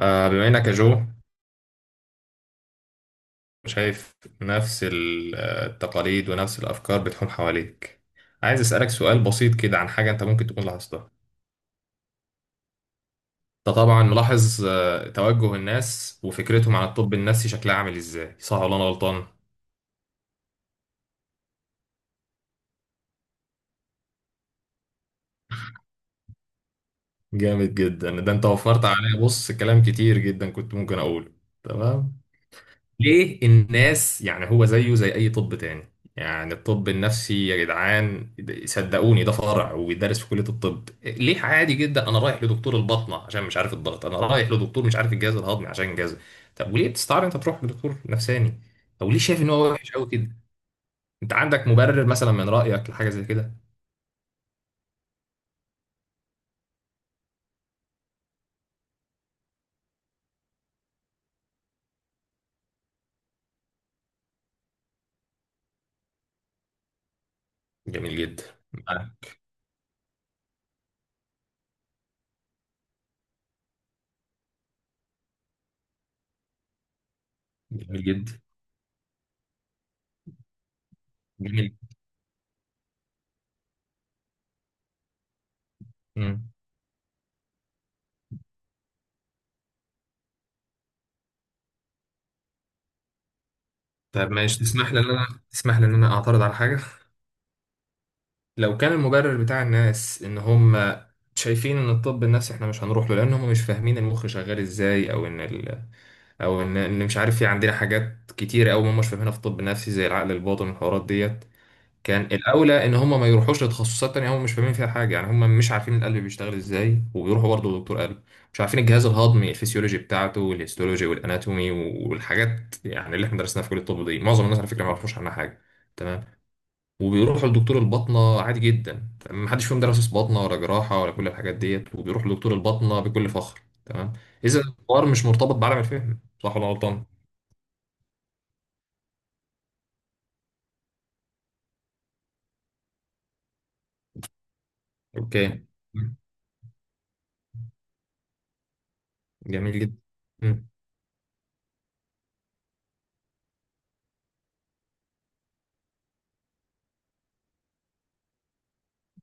بما انك يا جو شايف نفس التقاليد ونفس الافكار بتحوم حواليك. عايز اسالك سؤال بسيط كده عن حاجه انت ممكن تكون لاحظتها. انت طبعا ملاحظ توجه الناس وفكرتهم عن الطب النفسي شكلها عامل ازاي؟ صح ولا انا غلطان؟ جامد جدا، ده انت وفرت عليا، بص كلام كتير جدا كنت ممكن اقوله. تمام. ليه الناس، يعني هو زيه زي اي طب تاني، يعني الطب النفسي يا جدعان، صدقوني ده فرع وبيدرس في كلية الطب. ليه؟ عادي جدا انا رايح لدكتور البطنة عشان مش عارف الضغط، انا رايح لدكتور مش عارف الجهاز الهضمي عشان جهاز. طب وليه بتستعار انت تروح لدكتور نفساني؟ او ليه شايف ان هو وحش قوي كده؟ انت عندك مبرر مثلا من رايك لحاجة زي كده؟ جميل جدا. آه، جميل جدا. جميل. مم. طب ماشي، تسمح لي ان انا تسمح لي ان انا اعترض على حاجة؟ لو كان المبرر بتاع الناس ان هم شايفين ان الطب النفسي احنا مش هنروح له لان هم مش فاهمين المخ شغال ازاي، او ان او ان مش عارف، في عندنا حاجات كتيره قوي هم مش فاهمينها في الطب النفسي زي العقل الباطن والحوارات ديت، كان الاولى ان هم ما يروحوش لتخصصات تانية هم مش فاهمين فيها حاجه. يعني هم مش عارفين القلب بيشتغل ازاي وبيروحوا برضه لدكتور قلب، مش عارفين الجهاز الهضمي الفسيولوجي بتاعته والهيستولوجي والاناتومي والحاجات يعني اللي احنا درسناها في كليه الطب دي، معظم الناس على فكره ما يعرفوش عنها حاجه. تمام. وبيروحوا لدكتور الباطنة عادي جدا، تمام، محدش فيهم دارس باطنة ولا جراحة ولا كل الحاجات ديت، وبيروحوا لدكتور الباطنة بكل فخر. تمام. إذا الحوار مش مرتبط بعالم الفهم، صح ولا غلطان؟ أوكي. جميل جدا. مم.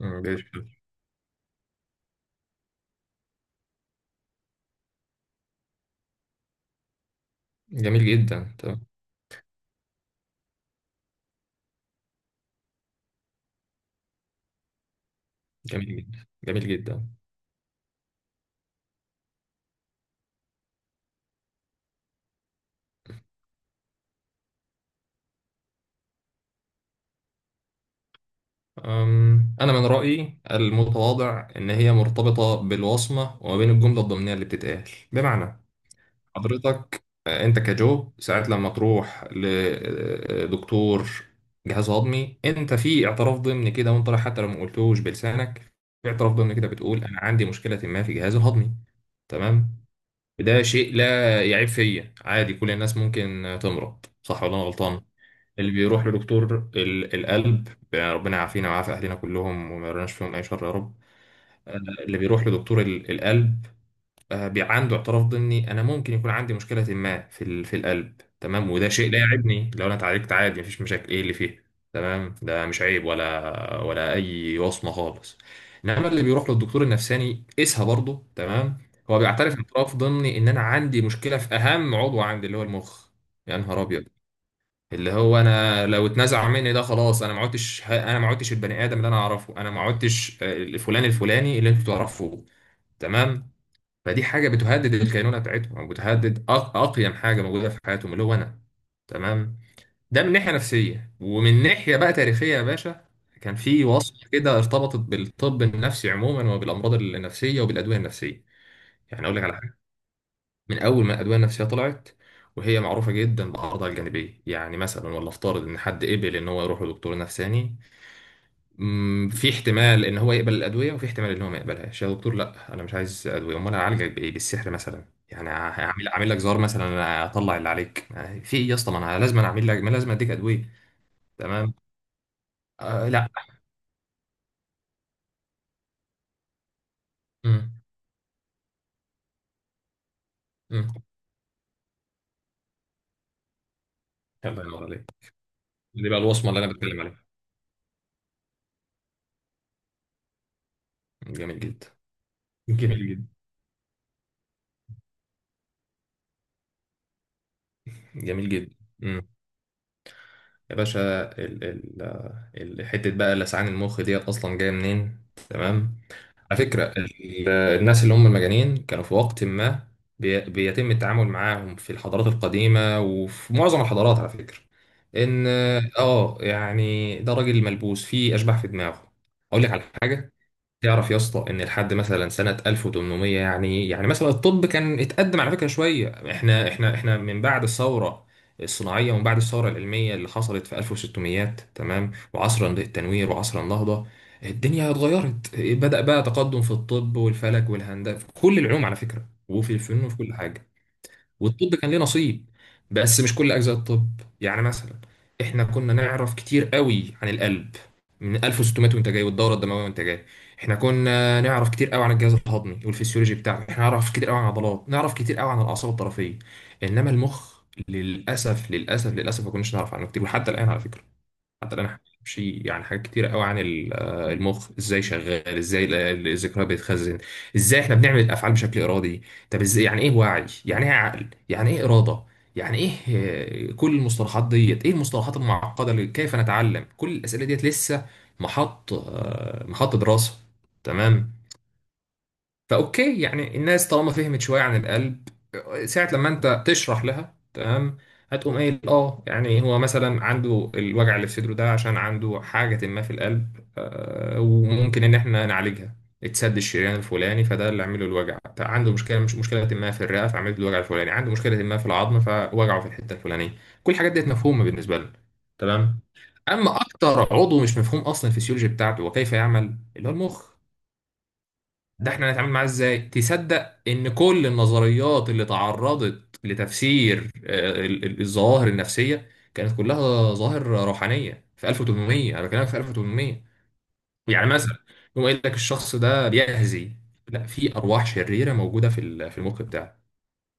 مم. جميل جدا. تمام. جميل جدا. جميل جدا. أنا من رأيي المتواضع إن هي مرتبطة بالوصمة وما بين الجملة الضمنية اللي بتتقال. بمعنى حضرتك انت كجو ساعات لما تروح لدكتور جهاز هضمي انت في اعتراف ضمني كده وانت رايح، حتى لو ما قلتوش بلسانك، في اعتراف ضمني كده بتقول انا عندي مشكله ما في جهازي الهضمي. تمام. ده شيء لا يعيب فيا، عادي كل الناس ممكن تمرض، صح ولا انا غلطان؟ اللي بيروح لدكتور القلب، ربنا يعافينا ويعافي اهلنا كلهم وما يرناش فيهم اي شر يا رب. آه، اللي بيروح لدكتور القلب، عنده اعتراف ضمني انا ممكن يكون عندي مشكله ما في القلب، تمام، وده شيء لا يعيبني لو انا اتعالجت، عادي مفيش مشاكل. ايه اللي فيه؟ تمام. ده مش عيب ولا اي وصمه خالص. انما اللي بيروح للدكتور النفساني قيسها برضه. تمام. هو بيعترف اعتراف ضمني ان انا عندي مشكله في اهم عضو عندي اللي هو المخ. يا نهار ابيض. اللي هو انا لو اتنزع مني ده خلاص، ما عدتش، انا ما عدتش البني ادم اللي انا اعرفه، انا ما عدتش الفلان الفلاني اللي انتوا تعرفوه. تمام. فدي حاجه بتهدد الكينونه بتاعتهم، او بتهدد اقيم حاجه موجوده في حياتهم اللي هو انا. تمام. ده من ناحيه نفسيه، ومن ناحيه بقى تاريخيه يا باشا، كان في وصف كده ارتبطت بالطب النفسي عموما وبالامراض النفسيه وبالادويه النفسيه. يعني اقول لك على حاجه، من اول ما الادويه النفسيه طلعت وهي معروفه جدا باعراضها الجانبيه، يعني مثلا ولا افترض ان حد قبل ان هو يروح لدكتور نفساني، في احتمال ان هو يقبل الادويه وفي احتمال ان هو ما يقبلهاش. يا دكتور لا انا مش عايز ادويه. امال هعالجك بايه، بالسحر مثلا؟ يعني هعمل، اعمل لك زهار مثلا، انا اطلع اللي عليك؟ يعني في ايه يا اسطى، ما انا لازم، أنا اعمل لك ما لازم اديك ادويه. تمام. آه لا. امم. امم. الله ينور عليك. دي بقى الوصمه اللي انا بتكلم عليها. جميل جدا. جميل جدا. جميل جدا. امم. يا باشا، ال ال حته بقى لسعان المخ ديت اصلا جايه منين؟ تمام. على فكرة الناس اللي هم المجانين كانوا في وقت ما، بيتم التعامل معاهم في الحضارات القديمة وفي معظم الحضارات على فكرة إن، آه يعني، ده راجل ملبوس فيه أشباح في دماغه. أقول لك على حاجة، تعرف يا اسطى ان لحد مثلا سنه 1800، يعني يعني مثلا الطب كان اتقدم على فكره شويه، احنا من بعد الثوره الصناعيه ومن بعد الثوره العلميه اللي حصلت في 1600، تمام، وعصر التنوير وعصر النهضه الدنيا اتغيرت، بدا بقى تقدم في الطب والفلك والهندسه في كل العلوم على فكره، وفي الفن وفي كل حاجه، والطب كان ليه نصيب. بس مش كل اجزاء الطب، يعني مثلا احنا كنا نعرف كتير قوي عن القلب من 1600 وانت جاي، والدوره الدمويه وانت جاي. احنا كنا نعرف كتير قوي عن الجهاز الهضمي والفسيولوجي بتاعه، احنا نعرف كتير قوي عن العضلات، نعرف كتير قوي عن الاعصاب الطرفيه. انما المخ، للاسف للاسف للاسف ما كناش نعرف عنه كتير، وحتى الان على فكره، حتى الان احنا بنمشي يعني. حاجات كتيرة قوي عن المخ ازاي شغال، ازاي الذكريات بتتخزن، ازاي احنا بنعمل الافعال بشكل ارادي، طب ازاي، يعني ايه وعي، يعني ايه عقل، يعني ايه اراده، يعني ايه، كل المصطلحات ديت، ايه المصطلحات المعقده اللي كيف نتعلم، كل الاسئله ديت لسه محط محط دراسه. تمام. فاوكي يعني، الناس طالما فهمت شويه عن القلب، ساعه لما انت تشرح لها تمام، هتقوم قايل اه، يعني هو مثلا عنده الوجع اللي في صدره ده عشان عنده حاجه ما في القلب، وممكن ان احنا نعالجها، اتسد الشريان الفلاني فده اللي عامله الوجع، طيب عنده مشكله، مش مشكله ما في الرئه فعملت الوجع الفلاني، عنده مشكله ما في العظم فوجعه في الحته الفلانيه، كل الحاجات ديت مفهومه بالنسبه لنا. تمام. اما اكتر عضو مش مفهوم اصلا الفسيولوجي بتاعته وكيف يعمل اللي هو المخ، ده احنا هنتعامل معاه ازاي؟ تصدق ان كل النظريات اللي تعرضت لتفسير الظواهر النفسية كانت كلها ظواهر روحانية في 1800، انا بكلمك في 1800. يعني مثلا يقوم قايل لك الشخص ده بيهزي، لا في ارواح شريرة موجودة في المخ بتاعه.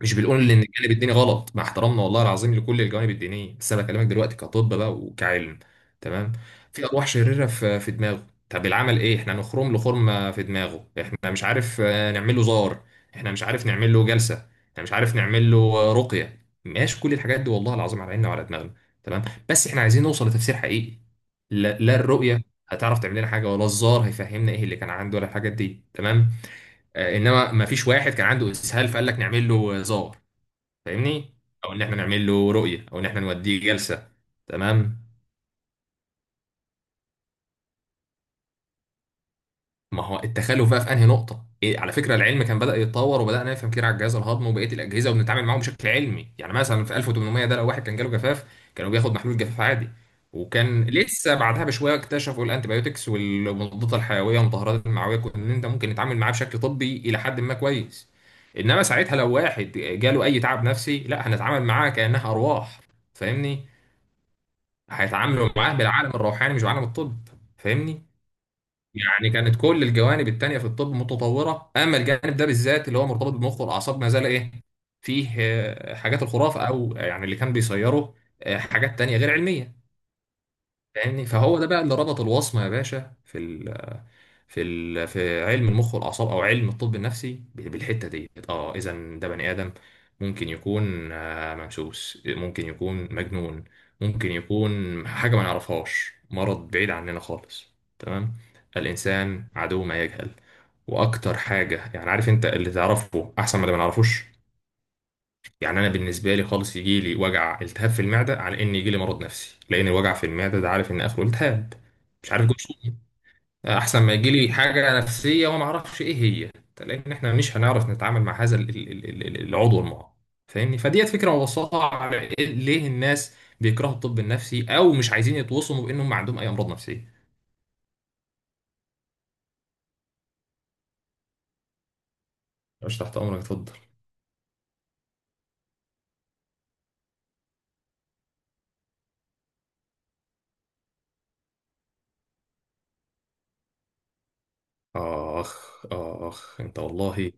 مش بنقول ان الجانب الديني غلط، مع احترامنا والله العظيم لكل الجوانب الدينيه، بس انا بكلمك دلوقتي كطب بقى وكعلم. تمام. في ارواح شريره في دماغه، طب العمل ايه، احنا نخرم له خرمه في دماغه، احنا مش عارف، نعمل له زار، احنا مش عارف نعمل له جلسه، احنا مش عارف نعمل له رقيه. ماشي، كل الحاجات دي والله العظيم على عيننا وعلى دماغنا. تمام. بس احنا عايزين نوصل لتفسير حقيقي. لا, الرؤيه هتعرف تعمل لنا حاجه؟ ولا الزار هيفهمنا ايه اللي كان عنده؟ ولا الحاجات دي؟ تمام. انما ما فيش واحد كان عنده اسهال فقال لك نعمل له زار، فاهمني؟ او ان احنا نعمل له رؤيه، او ان احنا نوديه جلسه. تمام. ما هو التخلف بقى في انهي نقطه؟ إيه، على فكره العلم كان بدا يتطور وبدانا نفهم كتير على الجهاز الهضمي وبقيه الاجهزه وبنتعامل معاهم بشكل علمي، يعني مثلا في 1800 ده لو واحد كان جاله جفاف، كانوا بياخد محلول جفاف عادي، وكان لسه بعدها بشويه اكتشفوا الانتيبيوتكس والمضادات الحيويه والمطهرات المعويه، ان انت ممكن نتعامل معاه بشكل طبي الى حد ما كويس. انما ساعتها لو واحد جاله اي تعب نفسي، لا هنتعامل معاه كانها ارواح، فاهمني؟ هيتعاملوا معاه بالعالم الروحاني مش بالعالم الطب، فاهمني؟ يعني كانت كل الجوانب التانية في الطب متطورة، أما الجانب ده بالذات اللي هو مرتبط بالمخ والأعصاب ما زال إيه، فيه حاجات الخرافة، أو يعني اللي كان بيصيره حاجات تانية غير علمية، فاهمني؟ فهو ده بقى اللي ربط الوصمة يا باشا في في علم المخ والاعصاب او علم الطب النفسي بالحته ديت. اه، اذا ده بني ادم ممكن يكون ممسوس، ممكن يكون مجنون، ممكن يكون حاجه ما نعرفهاش، مرض بعيد عننا خالص. تمام. الانسان عدو ما يجهل، واكتر حاجه، يعني عارف انت، اللي تعرفه احسن من اللي ما نعرفوش. يعني انا بالنسبه لي خالص يجي لي وجع التهاب في المعده على ان يجي لي مرض نفسي، لان الوجع في المعده ده عارف ان اخره التهاب، مش عارف جوه احسن ما يجي لي حاجه نفسيه وانا ما اعرفش ايه هي، لان احنا مش هنعرف نتعامل مع هذا العضو المعاق، فاهمني؟ فديت فكره مبسطه على ليه الناس بيكرهوا الطب النفسي او مش عايزين يتوصموا بانهم عندهم اي امراض نفسيه. مش تحت امرك، اتفضل. اخ اخ انت والله،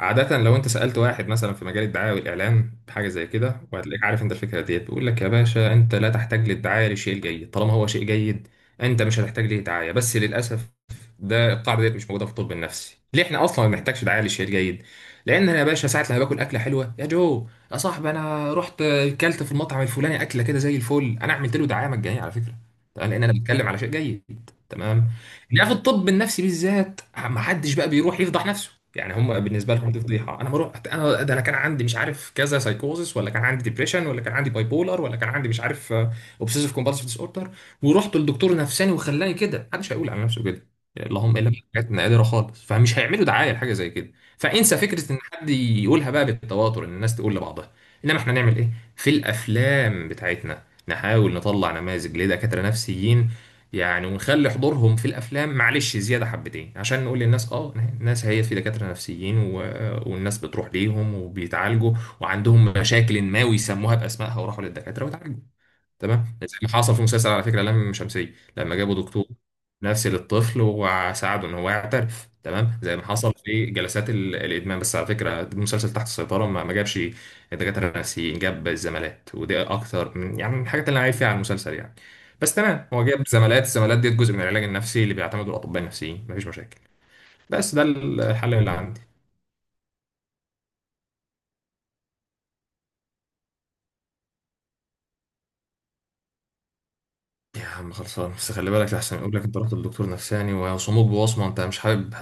عادة لو انت سألت واحد مثلا في مجال الدعاية والإعلان بحاجة زي كده، وهتلاقيك عارف انت الفكرة ديت، بيقول لك يا باشا انت لا تحتاج للدعاية لشيء جيد طالما هو شيء جيد، انت مش هتحتاج ليه دعاية. بس للأسف ده القاعدة ديت مش موجودة في الطب النفسي. ليه؟ احنا أصلا ما بنحتاجش دعاية لشيء جيد، لأن أنا يا باشا ساعة لما باكل أكلة حلوة يا جو، يا صاحبي، أنا رحت كلت في المطعم الفلاني أكلة كده زي الفل، أنا عملت له دعاية مجانية على فكرة. تمام، لأن أنا بتكلم على شيء جيد. تمام. لا في الطب النفسي بالذات ما حدش بقى بيروح يفضح نفسه، يعني هم بالنسبه لهم دي فضيحه. انا بروح، انا ده، انا كان عندي مش عارف كذا سايكوزس، ولا كان عندي ديبريشن، ولا كان عندي باي بولر، ولا كان عندي مش عارف اوبسيسيف كومبالسيف ديس اوردر، ورحت للدكتور نفساني وخلاني كده. محدش هيقول على نفسه كده، اللهم الا حاجات نادره خالص، فمش هيعملوا دعايه لحاجه زي كده. فانسى فكره ان حد يقولها بقى بالتواتر، ان الناس تقول لبعضها. انما احنا نعمل ايه؟ في الافلام بتاعتنا نحاول نطلع نماذج لدكاتره نفسيين، يعني ونخلي حضورهم في الافلام معلش زياده حبتين، عشان نقول للناس اه الناس هي، في دكاتره نفسيين و... والناس بتروح ليهم وبيتعالجوا وعندهم مشاكل ما ويسموها باسمائها وراحوا للدكاتره وتعالجوا. تمام، زي ما حصل في مسلسل على فكره لام شمسيه، لما جابوا دكتور نفسي للطفل وساعده ان هو يعترف. تمام، زي ما حصل في جلسات الادمان. بس على فكره المسلسل تحت السيطره ما جابش دكاتره نفسيين، جاب الزمالات، ودي اكتر من يعني من الحاجات اللي انا عايب فيها على المسلسل. يعني، بس تمام، هو جاب زمالات، الزمالات دي جزء من العلاج النفسي اللي بيعتمده الاطباء النفسيين، مفيش مشاكل، بس ده الحل اللي عندي. يا عم خلصان، بس خلي بالك احسن يقول لك انت رحت للدكتور نفساني ويصوموك بوصمه انت مش حابب.